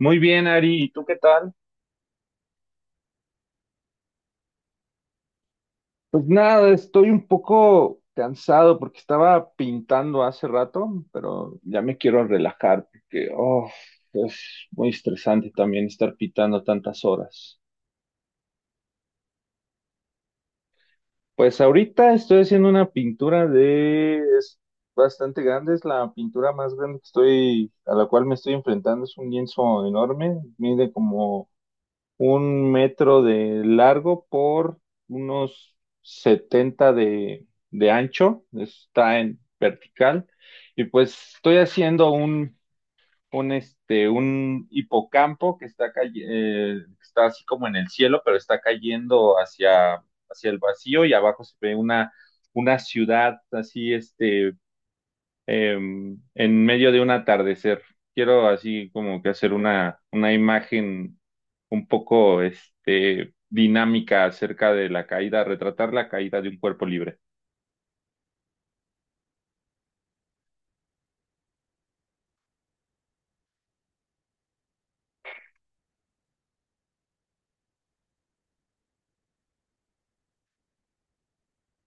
Muy bien, Ari, ¿y tú qué tal? Pues nada, estoy un poco cansado porque estaba pintando hace rato, pero ya me quiero relajar porque oh, es muy estresante también estar pintando tantas horas. Pues ahorita estoy haciendo una pintura es bastante grande, es la pintura más grande a la cual me estoy enfrentando, es un lienzo enorme, mide como un metro de largo por unos 70 de ancho, está en vertical, y pues estoy haciendo un hipocampo que está así como en el cielo, pero está cayendo hacia el vacío, y abajo se ve una ciudad así, eh, en medio de un atardecer. Quiero así como que hacer una imagen un poco dinámica acerca de la caída, retratar la caída de un cuerpo libre.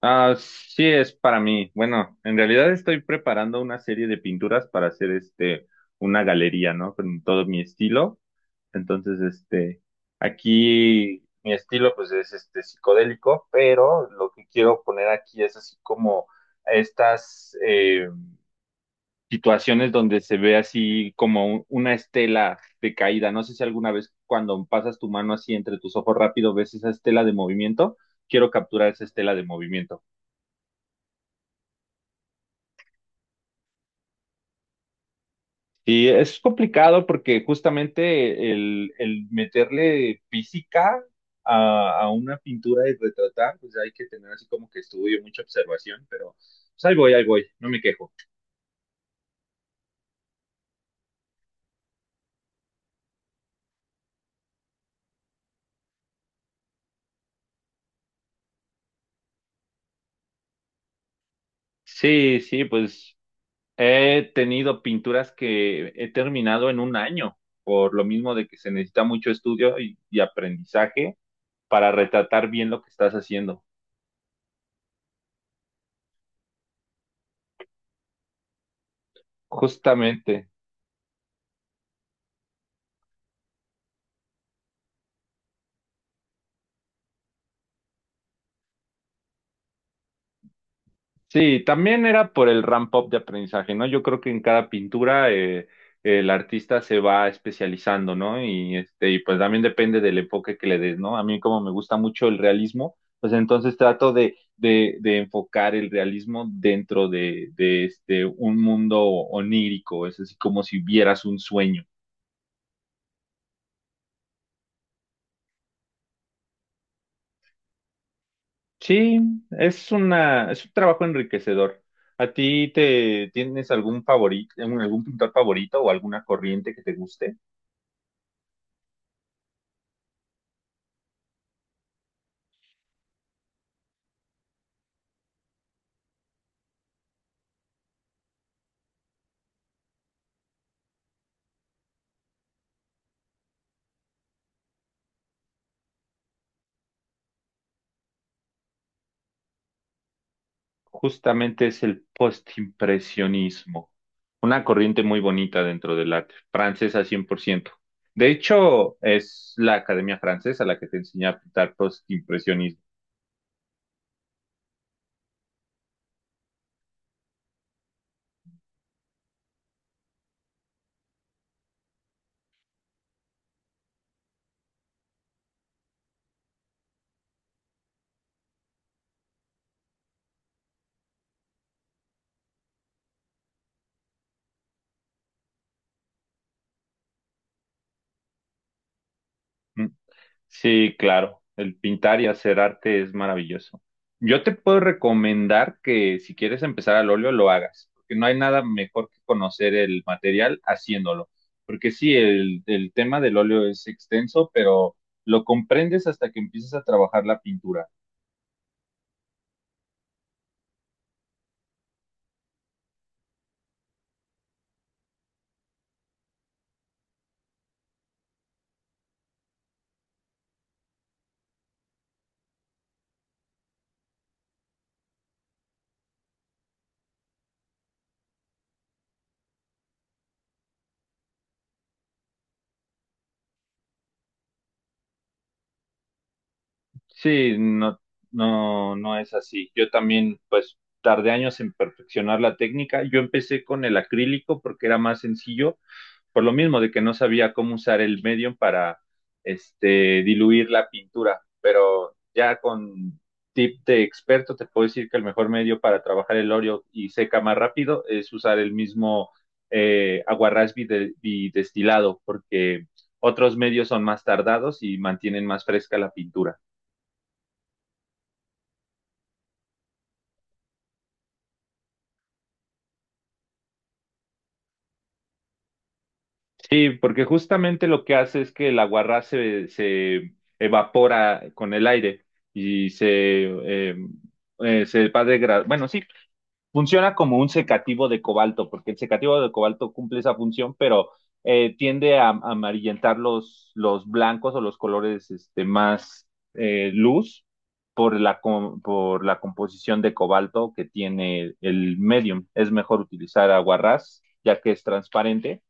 Ah, sí, es para mí. Bueno, en realidad estoy preparando una serie de pinturas para hacer una galería, ¿no? Con todo mi estilo. Entonces, este, Aquí mi estilo pues es este psicodélico, pero lo que quiero poner aquí es así como estas situaciones donde se ve así como una estela de caída. No sé si alguna vez cuando pasas tu mano así entre tus ojos rápido ves esa estela de movimiento. Quiero capturar esa estela de movimiento. Y es complicado porque justamente el meterle física a una pintura y retratar, pues hay que tener así como que estudio, mucha observación, pero pues ahí voy, no me quejo. Sí, sí. Pues he tenido pinturas que he terminado en un año, por lo mismo de que se necesita mucho estudio y aprendizaje para retratar bien lo que estás haciendo. Justamente. Sí, también era por el ramp-up de aprendizaje, ¿no? Yo creo que en cada pintura el artista se va especializando, ¿no? Y, este, y pues también depende del enfoque que le des, ¿no? A mí como me gusta mucho el realismo, pues entonces trato de enfocar el realismo dentro de un mundo onírico, es así como si vieras un sueño. Sí, es un trabajo enriquecedor. ¿A ti te tienes algún favorito, algún pintor favorito o alguna corriente que te guste? Justamente es el postimpresionismo, una corriente muy bonita dentro del arte, francesa 100%. De hecho, es la Academia Francesa la que te enseña a pintar postimpresionismo. Mm. Sí, claro. El pintar y hacer arte es maravilloso. Yo te puedo recomendar que si quieres empezar al óleo, lo hagas, porque no hay nada mejor que conocer el material haciéndolo. Porque sí, el tema del óleo es extenso, pero lo comprendes hasta que empiezas a trabajar la pintura. Sí, no, no, no es así. Yo también, pues, tardé años en perfeccionar la técnica. Yo empecé con el acrílico porque era más sencillo por lo mismo de que no sabía cómo usar el medium para este, diluir la pintura, pero ya con tip de experto te puedo decir que el mejor medio para trabajar el óleo y seca más rápido es usar el mismo aguarrás bidestilado, porque otros medios son más tardados y mantienen más fresca la pintura. Sí, porque justamente lo que hace es que el aguarrá se evapora con el aire y eh, se va degradando. Bueno, sí, funciona como un secativo de cobalto, porque el secativo de cobalto cumple esa función, pero tiende a amarillentar los blancos o los colores más luz por la, por la composición de cobalto que tiene el medium. Es mejor utilizar aguarrás, ya que es transparente.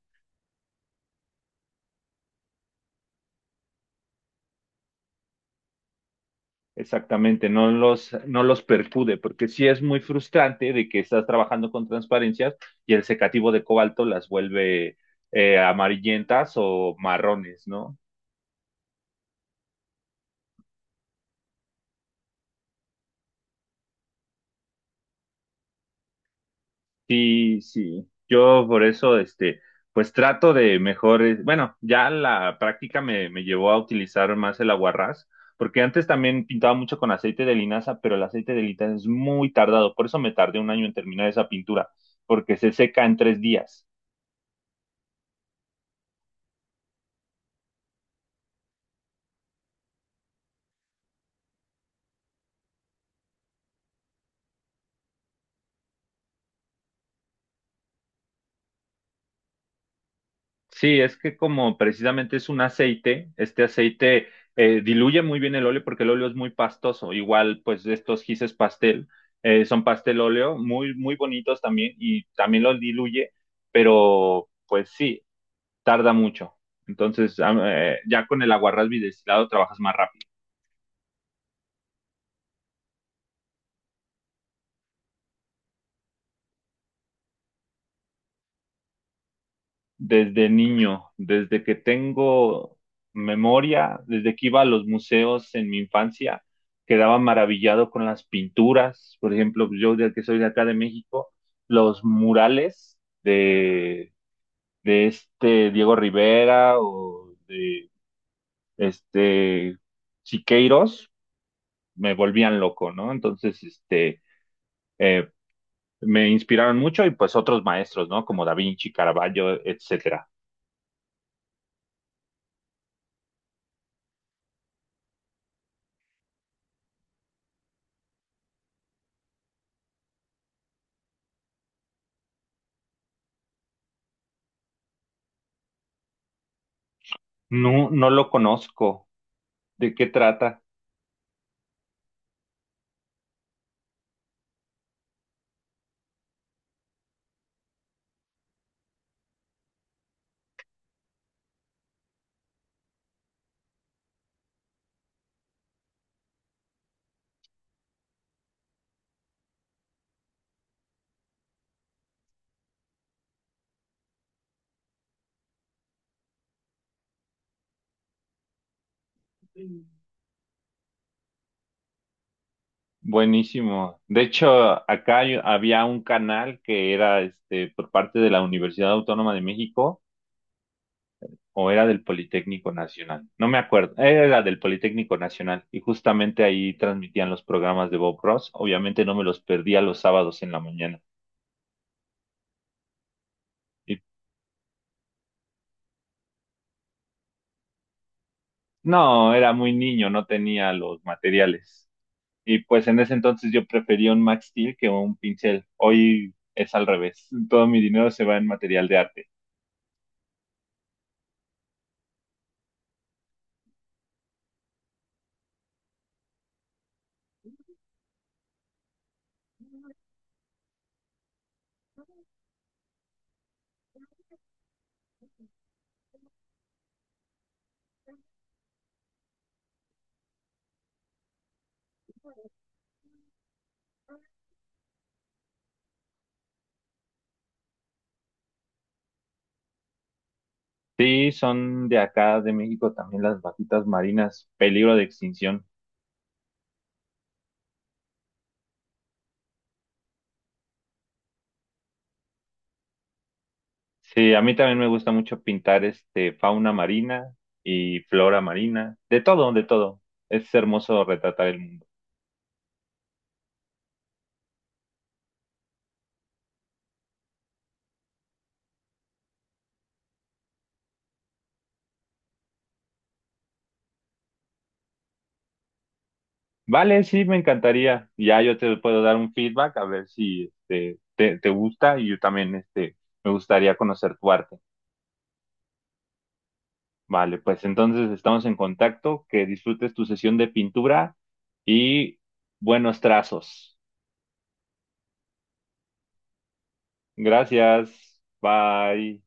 Exactamente, no los, no los percude, porque sí es muy frustrante de que estás trabajando con transparencias y el secativo de cobalto las vuelve amarillentas o marrones, ¿no? Sí, sí. Yo por eso, este, pues trato de mejores. Bueno, ya la práctica me llevó a utilizar más el aguarrás, porque antes también pintaba mucho con aceite de linaza, pero el aceite de linaza es muy tardado, por eso me tardé un año en terminar esa pintura, porque se seca en 3 días. Sí, es que como precisamente es un aceite, este aceite diluye muy bien el óleo porque el óleo es muy pastoso. Igual, pues estos gises pastel son pastel óleo, muy, muy bonitos también y también los diluye, pero pues sí, tarda mucho. Entonces, ya con el aguarrás bidestilado trabajas más rápido. Desde niño, desde que tengo memoria, desde que iba a los museos en mi infancia, quedaba maravillado con las pinturas, por ejemplo, pues, yo de que soy de acá de México, los murales de, de Diego Rivera o de este Siqueiros, me volvían loco, ¿no? Entonces, este, eh, me inspiraron mucho y pues otros maestros, ¿no? Como Da Vinci, Caravaggio, etcétera. No, no lo conozco. ¿De qué trata? Buenísimo. De hecho, acá había un canal que era este por parte de la Universidad Autónoma de México o era del Politécnico Nacional. No me acuerdo. Era del Politécnico Nacional y justamente ahí transmitían los programas de Bob Ross. Obviamente no me los perdía los sábados en la mañana. Y no, era muy niño, no tenía los materiales. Y pues en ese entonces yo prefería un Max Steel que un pincel. Hoy es al revés. Todo mi dinero se va en material de arte. Sí, son de acá, de México, también las vaquitas marinas, peligro de extinción. Sí, a mí también me gusta mucho pintar este fauna marina y flora marina, de todo, de todo. Es hermoso retratar el mundo. Vale, sí, me encantaría. Ya yo te puedo dar un feedback a ver si este, te gusta y yo también este, me gustaría conocer tu arte. Vale, pues entonces estamos en contacto, que disfrutes tu sesión de pintura y buenos trazos. Gracias. Bye.